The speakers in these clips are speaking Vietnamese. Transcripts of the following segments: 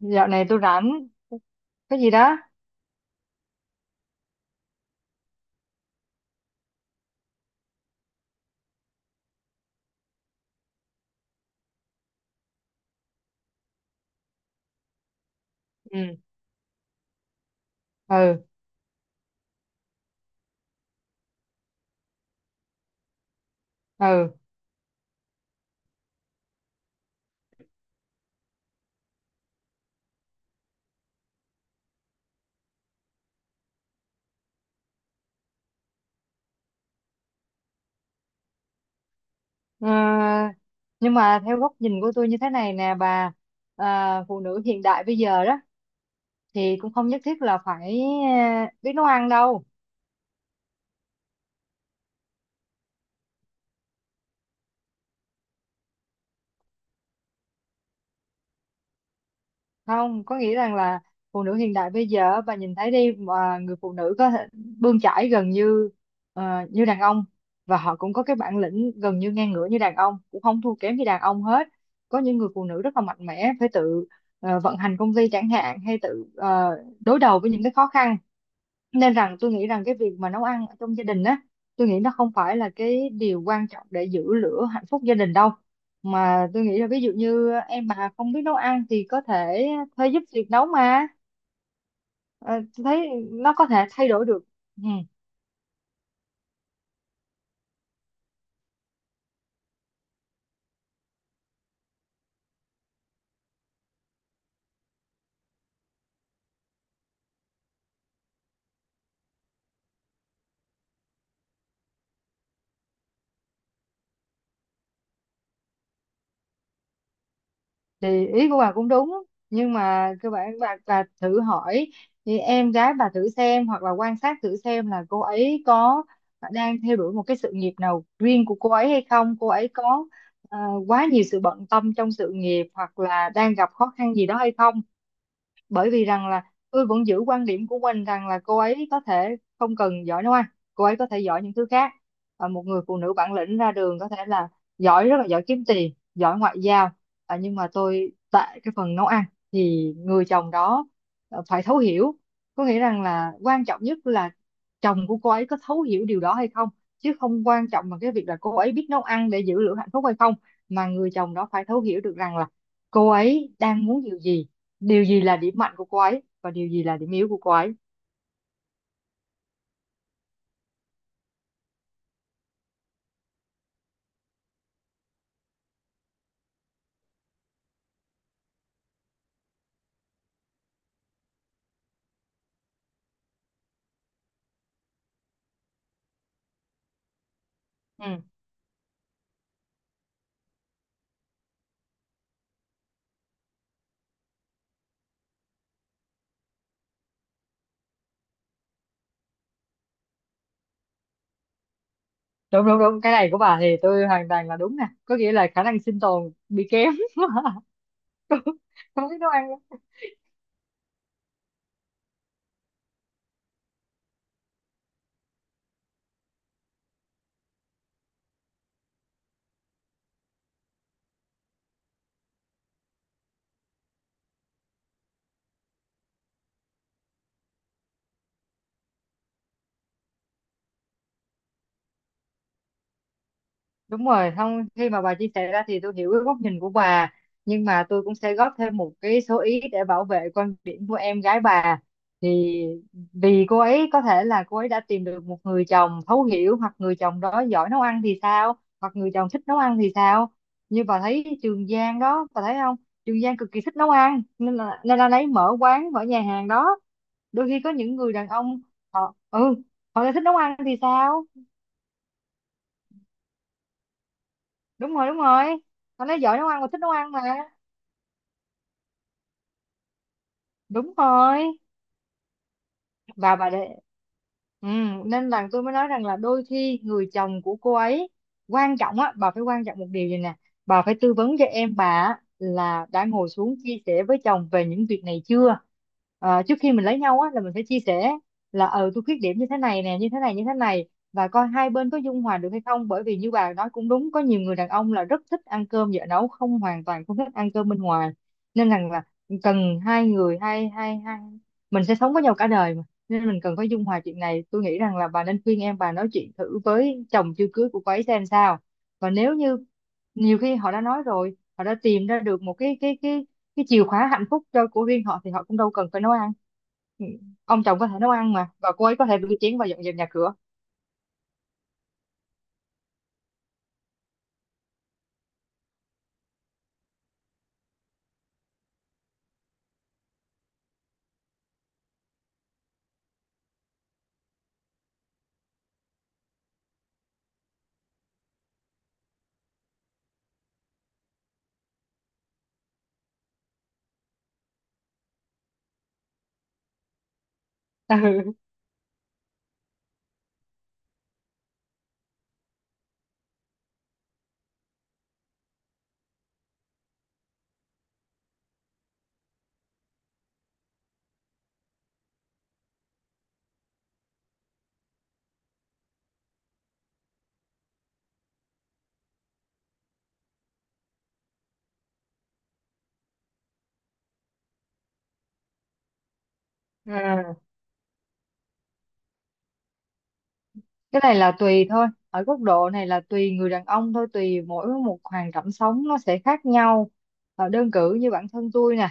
Dạo này tôi rảnh. Cái gì đó? ừ ừ ừ Ờ, nhưng mà theo góc nhìn của tôi như thế này nè bà, phụ nữ hiện đại bây giờ đó thì cũng không nhất thiết là phải biết nấu ăn đâu. Không có nghĩa rằng là phụ nữ hiện đại bây giờ, bà nhìn thấy đi, mà người phụ nữ có thể bươn chải gần như ờ, như đàn ông, và họ cũng có cái bản lĩnh gần như ngang ngửa như đàn ông, cũng không thua kém gì đàn ông hết. Có những người phụ nữ rất là mạnh mẽ, phải tự vận hành công ty chẳng hạn, hay tự đối đầu với những cái khó khăn. Nên rằng tôi nghĩ rằng cái việc mà nấu ăn ở trong gia đình á, tôi nghĩ nó không phải là cái điều quan trọng để giữ lửa hạnh phúc gia đình đâu. Mà tôi nghĩ là ví dụ như em mà không biết nấu ăn thì có thể thuê giúp việc nấu mà. Ờ, tôi thấy nó có thể thay đổi được. Ừ. Thì ý của bà cũng đúng, nhưng mà cơ bản bà thử hỏi thì em gái bà thử xem, hoặc là quan sát thử xem là cô ấy có đang theo đuổi một cái sự nghiệp nào riêng của cô ấy hay không, cô ấy có ờ, quá nhiều sự bận tâm trong sự nghiệp hoặc là đang gặp khó khăn gì đó hay không. Bởi vì rằng là tôi vẫn giữ quan điểm của mình rằng là cô ấy có thể không cần giỏi nấu ăn, cô ấy có thể giỏi những thứ khác. Ờ, một người phụ nữ bản lĩnh ra đường có thể là giỏi, rất là giỏi kiếm tiền, giỏi ngoại giao. Ờ, nhưng mà tôi tại cái phần nấu ăn thì người chồng đó phải thấu hiểu. Có nghĩa rằng là quan trọng nhất là chồng của cô ấy có thấu hiểu điều đó hay không, chứ không quan trọng bằng cái việc là cô ấy biết nấu ăn để giữ lửa hạnh phúc hay không. Mà người chồng đó phải thấu hiểu được rằng là cô ấy đang muốn điều gì, điều gì là điểm mạnh của cô ấy và điều gì là điểm yếu của cô ấy. Ừ. Đúng đúng đúng, cái này của bà thì tôi hoàn toàn là đúng nè, có nghĩa là khả năng sinh tồn bị kém không biết nấu ăn. Đúng rồi, không, khi mà bà chia sẻ ra thì tôi hiểu cái góc nhìn của bà, nhưng mà tôi cũng sẽ góp thêm một cái số ý để bảo vệ quan điểm của em gái bà. Thì vì cô ấy có thể là cô ấy đã tìm được một người chồng thấu hiểu, hoặc người chồng đó giỏi nấu ăn thì sao, hoặc người chồng thích nấu ăn thì sao. Như bà thấy Trường Giang đó, bà thấy không? Trường Giang cực kỳ thích nấu ăn nên là lấy mở quán, mở nhà hàng đó. Đôi khi có những người đàn ông họ họ lại thích nấu ăn thì sao? Đúng rồi đúng rồi, anh ấy giỏi nấu ăn mà, thích nấu ăn mà. Đúng rồi. Và bà để ừ, nên là tôi mới nói rằng là đôi khi người chồng của cô ấy quan trọng á bà, phải quan trọng một điều gì nè. Bà phải tư vấn cho em bà á, là đã ngồi xuống chia sẻ với chồng về những việc này chưa. Ờ, trước khi mình lấy nhau á là mình phải chia sẻ là ờ tôi khuyết điểm như thế này nè, như thế này như thế này, và coi hai bên có dung hòa được hay không. Bởi vì như bà nói cũng đúng, có nhiều người đàn ông là rất thích ăn cơm vợ nấu, không hoàn toàn không thích ăn cơm bên ngoài. Nên rằng là cần hai người, hai hai hai mình sẽ sống với nhau cả đời mà. Nên mình cần phải dung hòa chuyện này. Tôi nghĩ rằng là bà nên khuyên em bà nói chuyện thử với chồng chưa cưới của cô ấy xem sao. Và nếu như nhiều khi họ đã nói rồi, họ đã tìm ra được một cái chìa khóa hạnh phúc cho của riêng họ thì họ cũng đâu cần phải nấu ăn. Ừ, ông chồng có thể nấu ăn mà, và cô ấy có thể rửa chén và dọn dẹp nhà cửa. Ừ. Cái này là tùy thôi, ở góc độ này là tùy người đàn ông thôi, tùy mỗi một hoàn cảnh sống nó sẽ khác nhau. Ờ, đơn cử như bản thân tôi nè,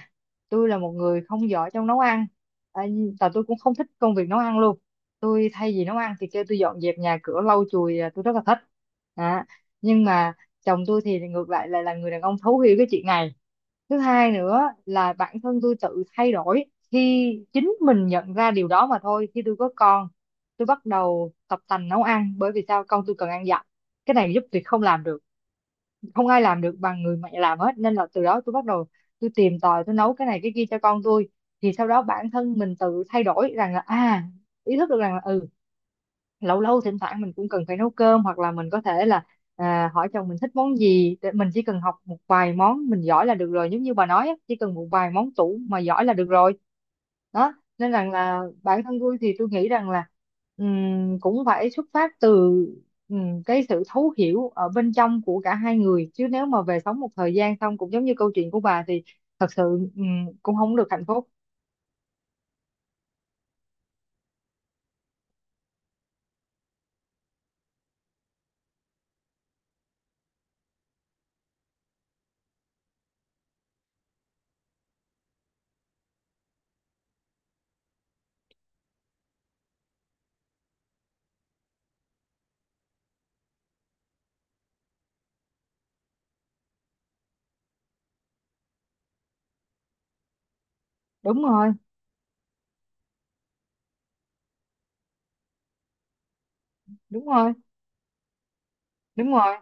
tôi là một người không giỏi trong nấu ăn, à, và tôi cũng không thích công việc nấu ăn luôn. Tôi thay vì nấu ăn thì kêu tôi dọn dẹp nhà cửa lau chùi là tôi rất là thích. Đó. Nhưng mà chồng tôi thì ngược lại, là người đàn ông thấu hiểu cái chuyện này. Thứ hai nữa là bản thân tôi tự thay đổi khi chính mình nhận ra điều đó mà thôi. Khi tôi có con, tôi bắt đầu tập tành nấu ăn, bởi vì sao, con tôi cần ăn dặm, cái này giúp việc không làm được, không ai làm được bằng người mẹ làm hết. Nên là từ đó tôi bắt đầu tôi tìm tòi, tôi nấu cái này cái kia cho con tôi. Thì sau đó bản thân mình tự thay đổi rằng là à, ý thức được rằng là ừ, lâu lâu thỉnh thoảng mình cũng cần phải nấu cơm, hoặc là mình có thể là hỏi chồng mình thích món gì để mình chỉ cần học một vài món mình giỏi là được rồi. Giống như bà nói á, chỉ cần một vài món tủ mà giỏi là được rồi. Đó, nên rằng là bản thân tôi thì tôi nghĩ rằng là cũng phải xuất phát từ cái sự thấu hiểu ở bên trong của cả hai người. Chứ nếu mà về sống một thời gian xong cũng giống như câu chuyện của bà thì thật sự ừm, cũng không được hạnh phúc. Đúng rồi đúng rồi. Đúng rồi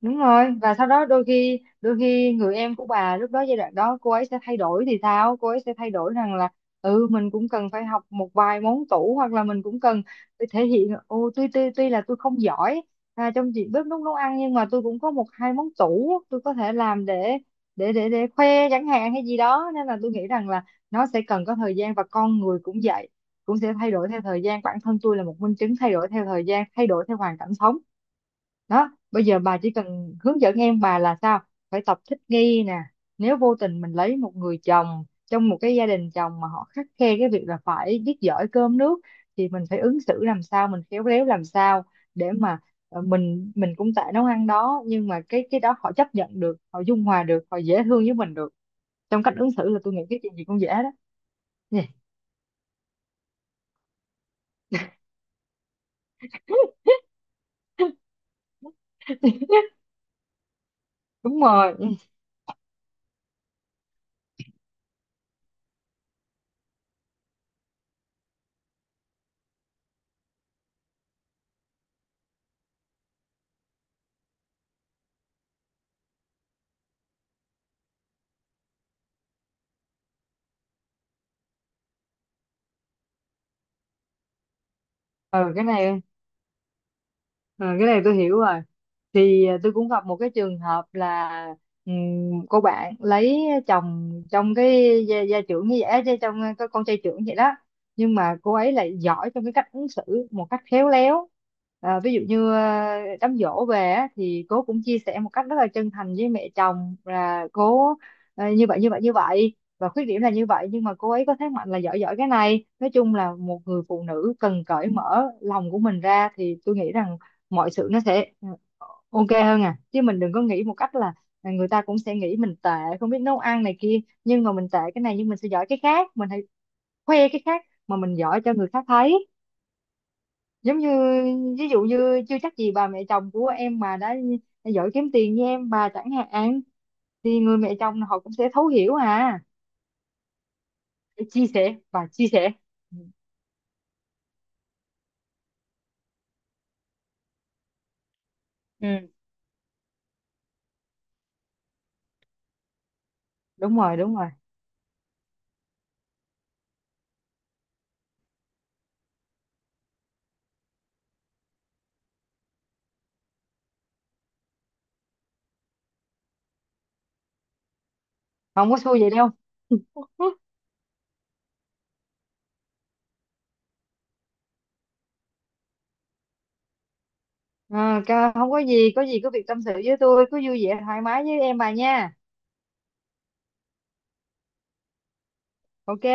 đúng rồi, và sau đó đôi khi, đôi khi người em của bà lúc đó, giai đoạn đó cô ấy sẽ thay đổi thì sao, cô ấy sẽ thay đổi rằng là ừ, mình cũng cần phải học một vài món tủ, hoặc là mình cũng cần phải thể hiện ô, tuy tuy tuy là tôi không giỏi trong việc bếp núc nấu ăn, nhưng mà tôi cũng có một hai món tủ tôi có thể làm để để khoe chẳng hạn hay gì đó. Nên là tôi nghĩ rằng là nó sẽ cần có thời gian, và con người cũng vậy, cũng sẽ thay đổi theo thời gian. Bản thân tôi là một minh chứng thay đổi theo thời gian, thay đổi theo hoàn cảnh sống. Đó, bây giờ bà chỉ cần hướng dẫn em bà là sao, phải tập thích nghi nè. Nếu vô tình mình lấy một người chồng trong một cái gia đình chồng mà họ khắt khe cái việc là phải biết giỏi cơm nước, thì mình phải ứng xử làm sao, mình khéo léo làm sao để mà mình cũng tại nấu ăn đó, nhưng mà cái đó họ chấp nhận được, họ dung hòa được, họ dễ thương với mình được. Trong cách ứng xử là tôi nghĩ cái chuyện gì cũng dễ đó. Nhỉ? Đúng rồi. ừ, cái này ừ, cái này tôi hiểu rồi. Thì tôi cũng gặp một cái trường hợp là cô bạn lấy chồng trong cái gia trưởng như vậy á, chứ trong cái con trai trưởng vậy đó. Nhưng mà cô ấy lại giỏi trong cái cách ứng xử một cách khéo léo. Ví dụ như đám giỗ về á, thì cô cũng chia sẻ một cách rất là chân thành với mẹ chồng là cô như vậy như vậy như vậy, và khuyết điểm là như vậy, nhưng mà cô ấy có thế mạnh là giỏi giỏi cái này. Nói chung là một người phụ nữ cần cởi mở lòng của mình ra thì tôi nghĩ rằng mọi sự nó sẽ ok hơn. À chứ mình đừng có nghĩ một cách là người ta cũng sẽ nghĩ mình tệ, không biết nấu ăn này kia, nhưng mà mình tệ cái này, nhưng mình sẽ giỏi cái khác. Mình hãy khoe cái khác mà mình giỏi cho người khác thấy. Giống như ví dụ như chưa chắc gì bà mẹ chồng của em mà đã giỏi kiếm tiền như em bà chẳng hạn, thì người mẹ chồng họ cũng sẽ thấu hiểu à để chia sẻ và chia sẻ. Ừ, ừ đúng rồi đúng rồi, không có xui vậy đâu. Không có gì, có gì cứ việc tâm sự với tôi, cứ vui vẻ thoải mái với em bà nha. Ok.